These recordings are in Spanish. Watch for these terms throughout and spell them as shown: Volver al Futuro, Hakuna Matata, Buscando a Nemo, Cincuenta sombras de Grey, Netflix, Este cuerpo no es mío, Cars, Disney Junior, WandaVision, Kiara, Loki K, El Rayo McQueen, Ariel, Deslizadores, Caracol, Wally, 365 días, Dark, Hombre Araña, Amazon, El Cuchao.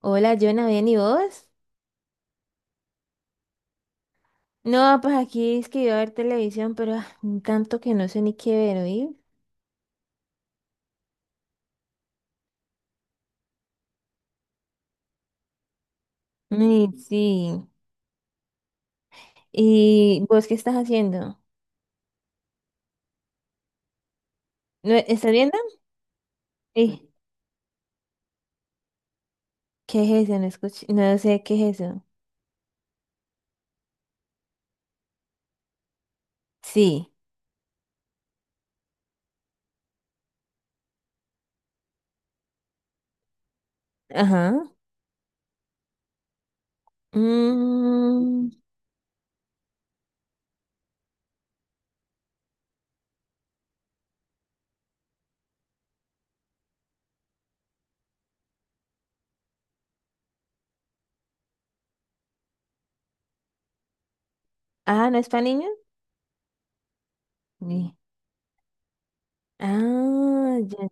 Hola, Jonah, ¿bien y vos? No, pues aquí es que iba a ver televisión, pero tanto que no sé ni qué ver, ¿oí? Ay, sí. ¿Y vos qué estás haciendo? ¿No, estás viendo? Sí. ¿Qué es eso? No escuché, no sé qué es eso. Sí. Ajá. Mm. Ah, ¿no es para niños? Sí. Ah, ya.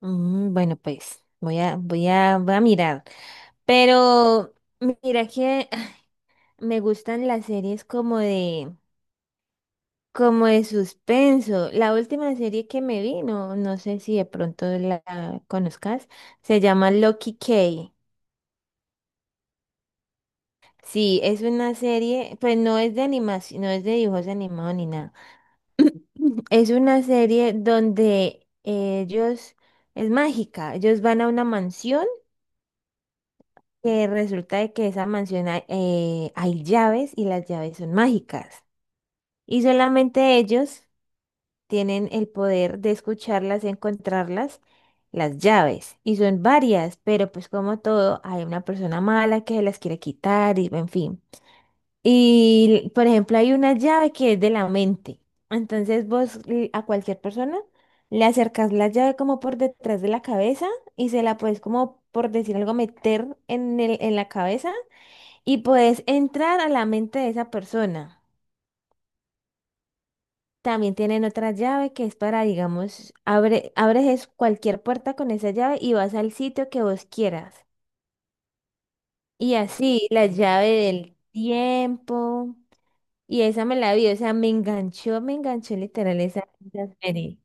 Bueno, pues voy a mirar. Pero mira que me gustan las series como de suspenso. La última serie que me vi, no, no sé si de pronto la conozcas, se llama Loki K. Sí, es una serie, pues no es de animación, no es de dibujos animados ni nada. Es una serie donde ellos, es mágica, ellos van a una mansión que resulta de que esa mansión hay, hay llaves y las llaves son mágicas. Y solamente ellos tienen el poder de escucharlas, de encontrarlas, las llaves. Y son varias, pero pues como todo, hay una persona mala que se las quiere quitar y en fin. Y por ejemplo, hay una llave que es de la mente. Entonces vos a cualquier persona le acercas la llave como por detrás de la cabeza y se la puedes como por decir algo meter en la cabeza y puedes entrar a la mente de esa persona. También tienen otra llave que es para, digamos, abres es cualquier puerta con esa llave y vas al sitio que vos quieras. Y así, la llave del tiempo. Y esa me la vi, o sea, me enganchó literal esa serie.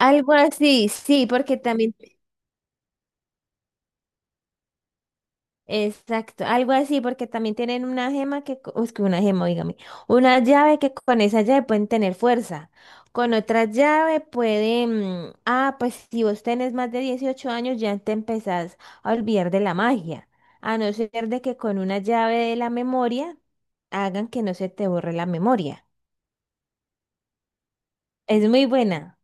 Algo así, sí, porque también. Exacto, algo así, porque también tienen una gema que, es que una gema, dígame, una llave que con esa llave pueden tener fuerza, con otra llave pueden, pues si vos tenés más de 18 años ya te empezás a olvidar de la magia, a no ser de que con una llave de la memoria hagan que no se te borre la memoria. Es muy buena.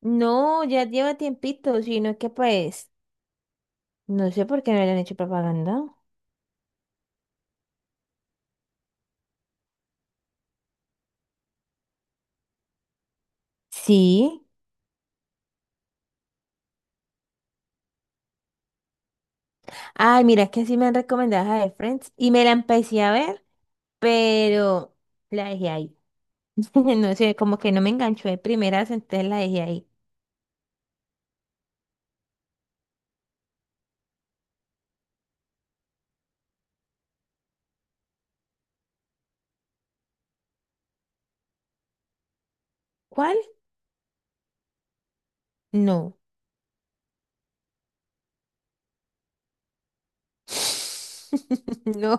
No, ya lleva tiempito, sino que pues, no sé por qué no le han hecho propaganda. Sí. Ay, mira, es que sí me han recomendado esa de Friends y me la empecé a ver, pero la dejé ahí. No sé, como que no me enganchó de primeras, entonces la dejé ahí. ¿Cuál? No. No.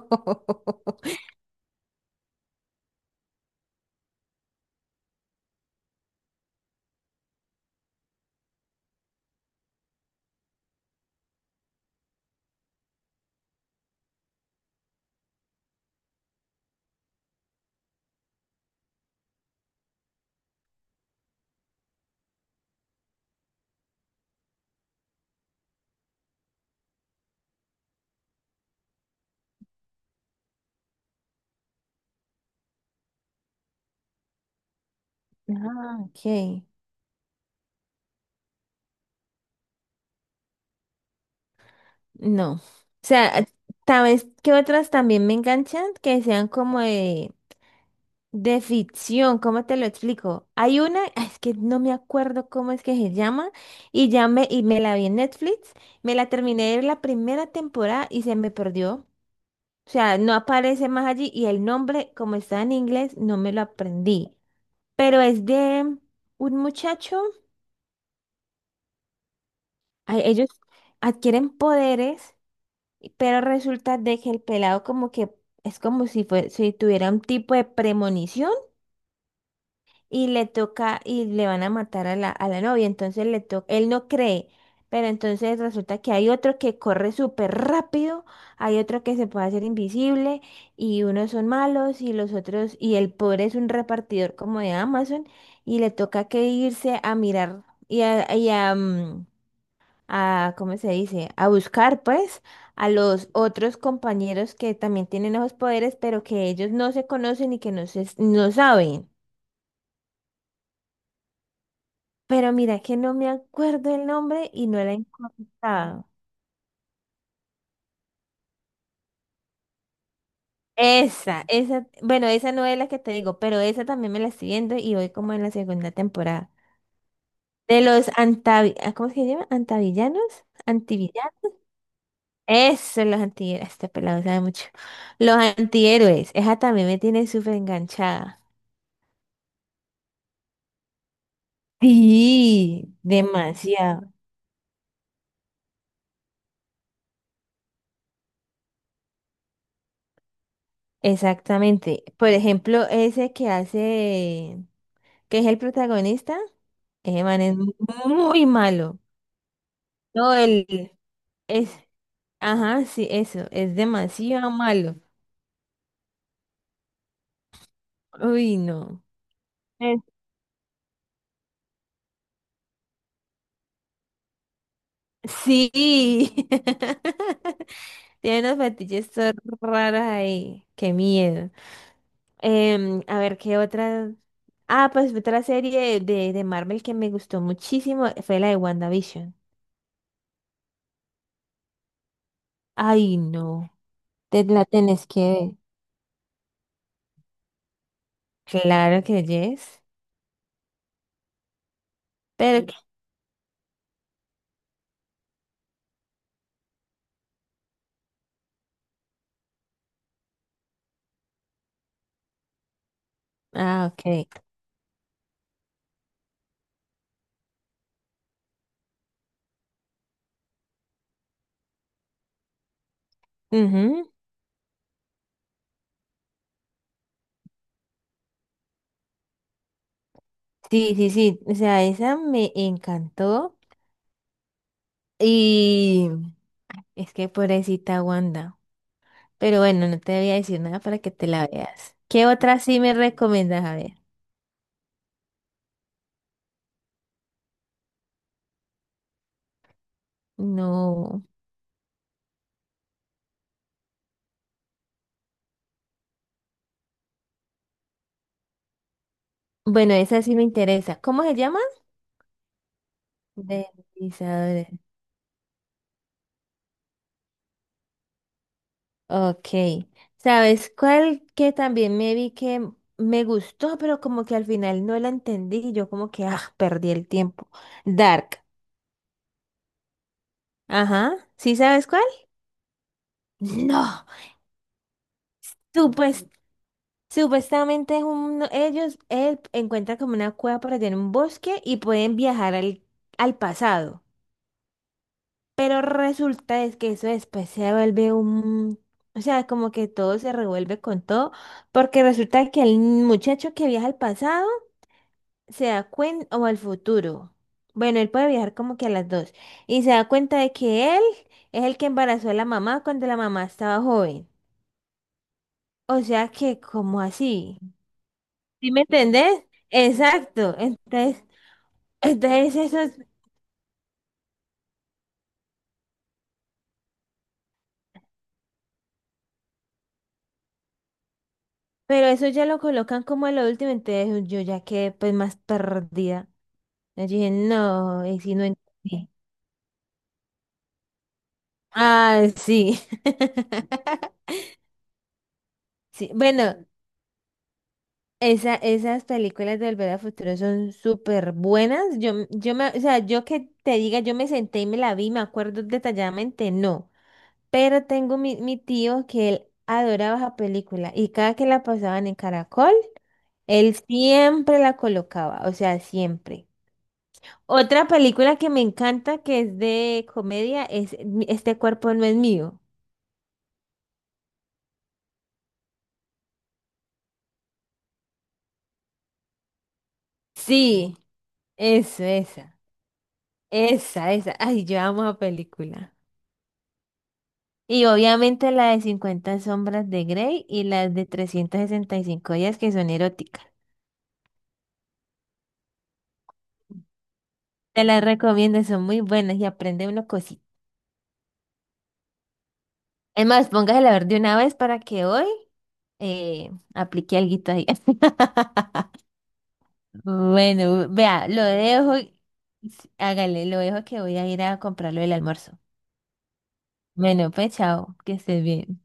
Ah, ok. No. O sea, tal vez que otras también me enganchan, que sean como de ficción, ¿cómo te lo explico? Hay una, es que no me acuerdo cómo es que se llama, y me la vi en Netflix, me la terminé de ver la primera temporada y se me perdió. O sea, no aparece más allí y el nombre, como está en inglés, no me lo aprendí. Pero es de un muchacho, ellos adquieren poderes, pero resulta de que el pelado como que es como si tuviera un tipo de premonición y le toca y le van a matar a a la novia, entonces le toca, él no cree, pero entonces resulta que hay otro que corre súper rápido, hay otro que se puede hacer invisible y unos son malos y los otros y el pobre es un repartidor como de Amazon y le toca que irse a mirar a ¿cómo se dice? A buscar pues a los otros compañeros que también tienen esos poderes, pero que ellos no se conocen y que no saben. Pero mira que no me acuerdo el nombre y no la he encontrado. Bueno, esa no es la que te digo, pero esa también me la estoy viendo y voy como en la segunda temporada. De los antavi, ¿cómo es que se llama? ¿Antavillanos? ¿Antivillanos? Eso, los antihéroes. Este pelado sabe mucho. Los antihéroes. Esa también me tiene súper enganchada. Sí, demasiado. Exactamente. Por ejemplo, ese que hace, que es el protagonista, ese man es muy malo. No, el es, ajá, sí, eso, es demasiado malo. Uy, no. Es- Sí. Tiene unos fetiches todos raros ahí. Qué miedo. A ver, ¿qué otra? Ah, pues otra serie de Marvel que me gustó muchísimo fue la de WandaVision. Ay, no. Te la tenés que ver. Claro que yes. Pero, sí. Ok. Ujú. Sí, sí, sí. O sea, esa me encantó. Y es que pobrecita Wanda. Pero bueno, no te voy a decir nada para que te la veas. ¿Qué otra sí me recomiendas? A ver. No. Bueno, esa sí me interesa. ¿Cómo se llama? Deslizadores. Ok. ¿Sabes cuál que también me vi que me gustó, pero como que al final no la entendí? Yo como que, perdí el tiempo. Dark. Ajá. ¿Sí sabes cuál? No. Tú pues supuestamente es ellos él encuentra como una cueva por allá en un bosque y pueden viajar al pasado. Pero resulta es que eso después se vuelve un... O sea, como que todo se revuelve con todo, porque resulta que el muchacho que viaja al pasado se da cuenta, o al futuro. Bueno, él puede viajar como que a las dos. Y se da cuenta de que él es el que embarazó a la mamá cuando la mamá estaba joven. O sea que, ¿como así? ¿Sí me entendés? Exacto. Entonces eso, pero eso ya lo colocan como a lo último, entonces yo ya quedé pues más perdida. Yo dije, no, y si no entendí. Ah, sí. Sí, bueno, esas películas de Volver al Futuro son súper buenas. Yo, m- yo me, o sea, yo que te diga, yo me senté y me la vi, me acuerdo detalladamente, no. Pero tengo mi tío que él adoraba esa película y cada que la pasaban en Caracol. Él siempre la colocaba, o sea, siempre. Otra película que me encanta, que es de comedia, es Este cuerpo no es mío. Sí, eso, esa. Ay, yo amo esa película. Y obviamente la de Cincuenta sombras de Grey y las de 365 días que son eróticas. Te las recomiendo, son muy buenas y aprende una cosita. Es más, póngasela a ver de una vez para que hoy aplique alguito ahí. Bueno, vea, lo dejo, hágale, lo dejo que voy a ir a comprar lo del almuerzo. Bueno, pues chao, que estés bien.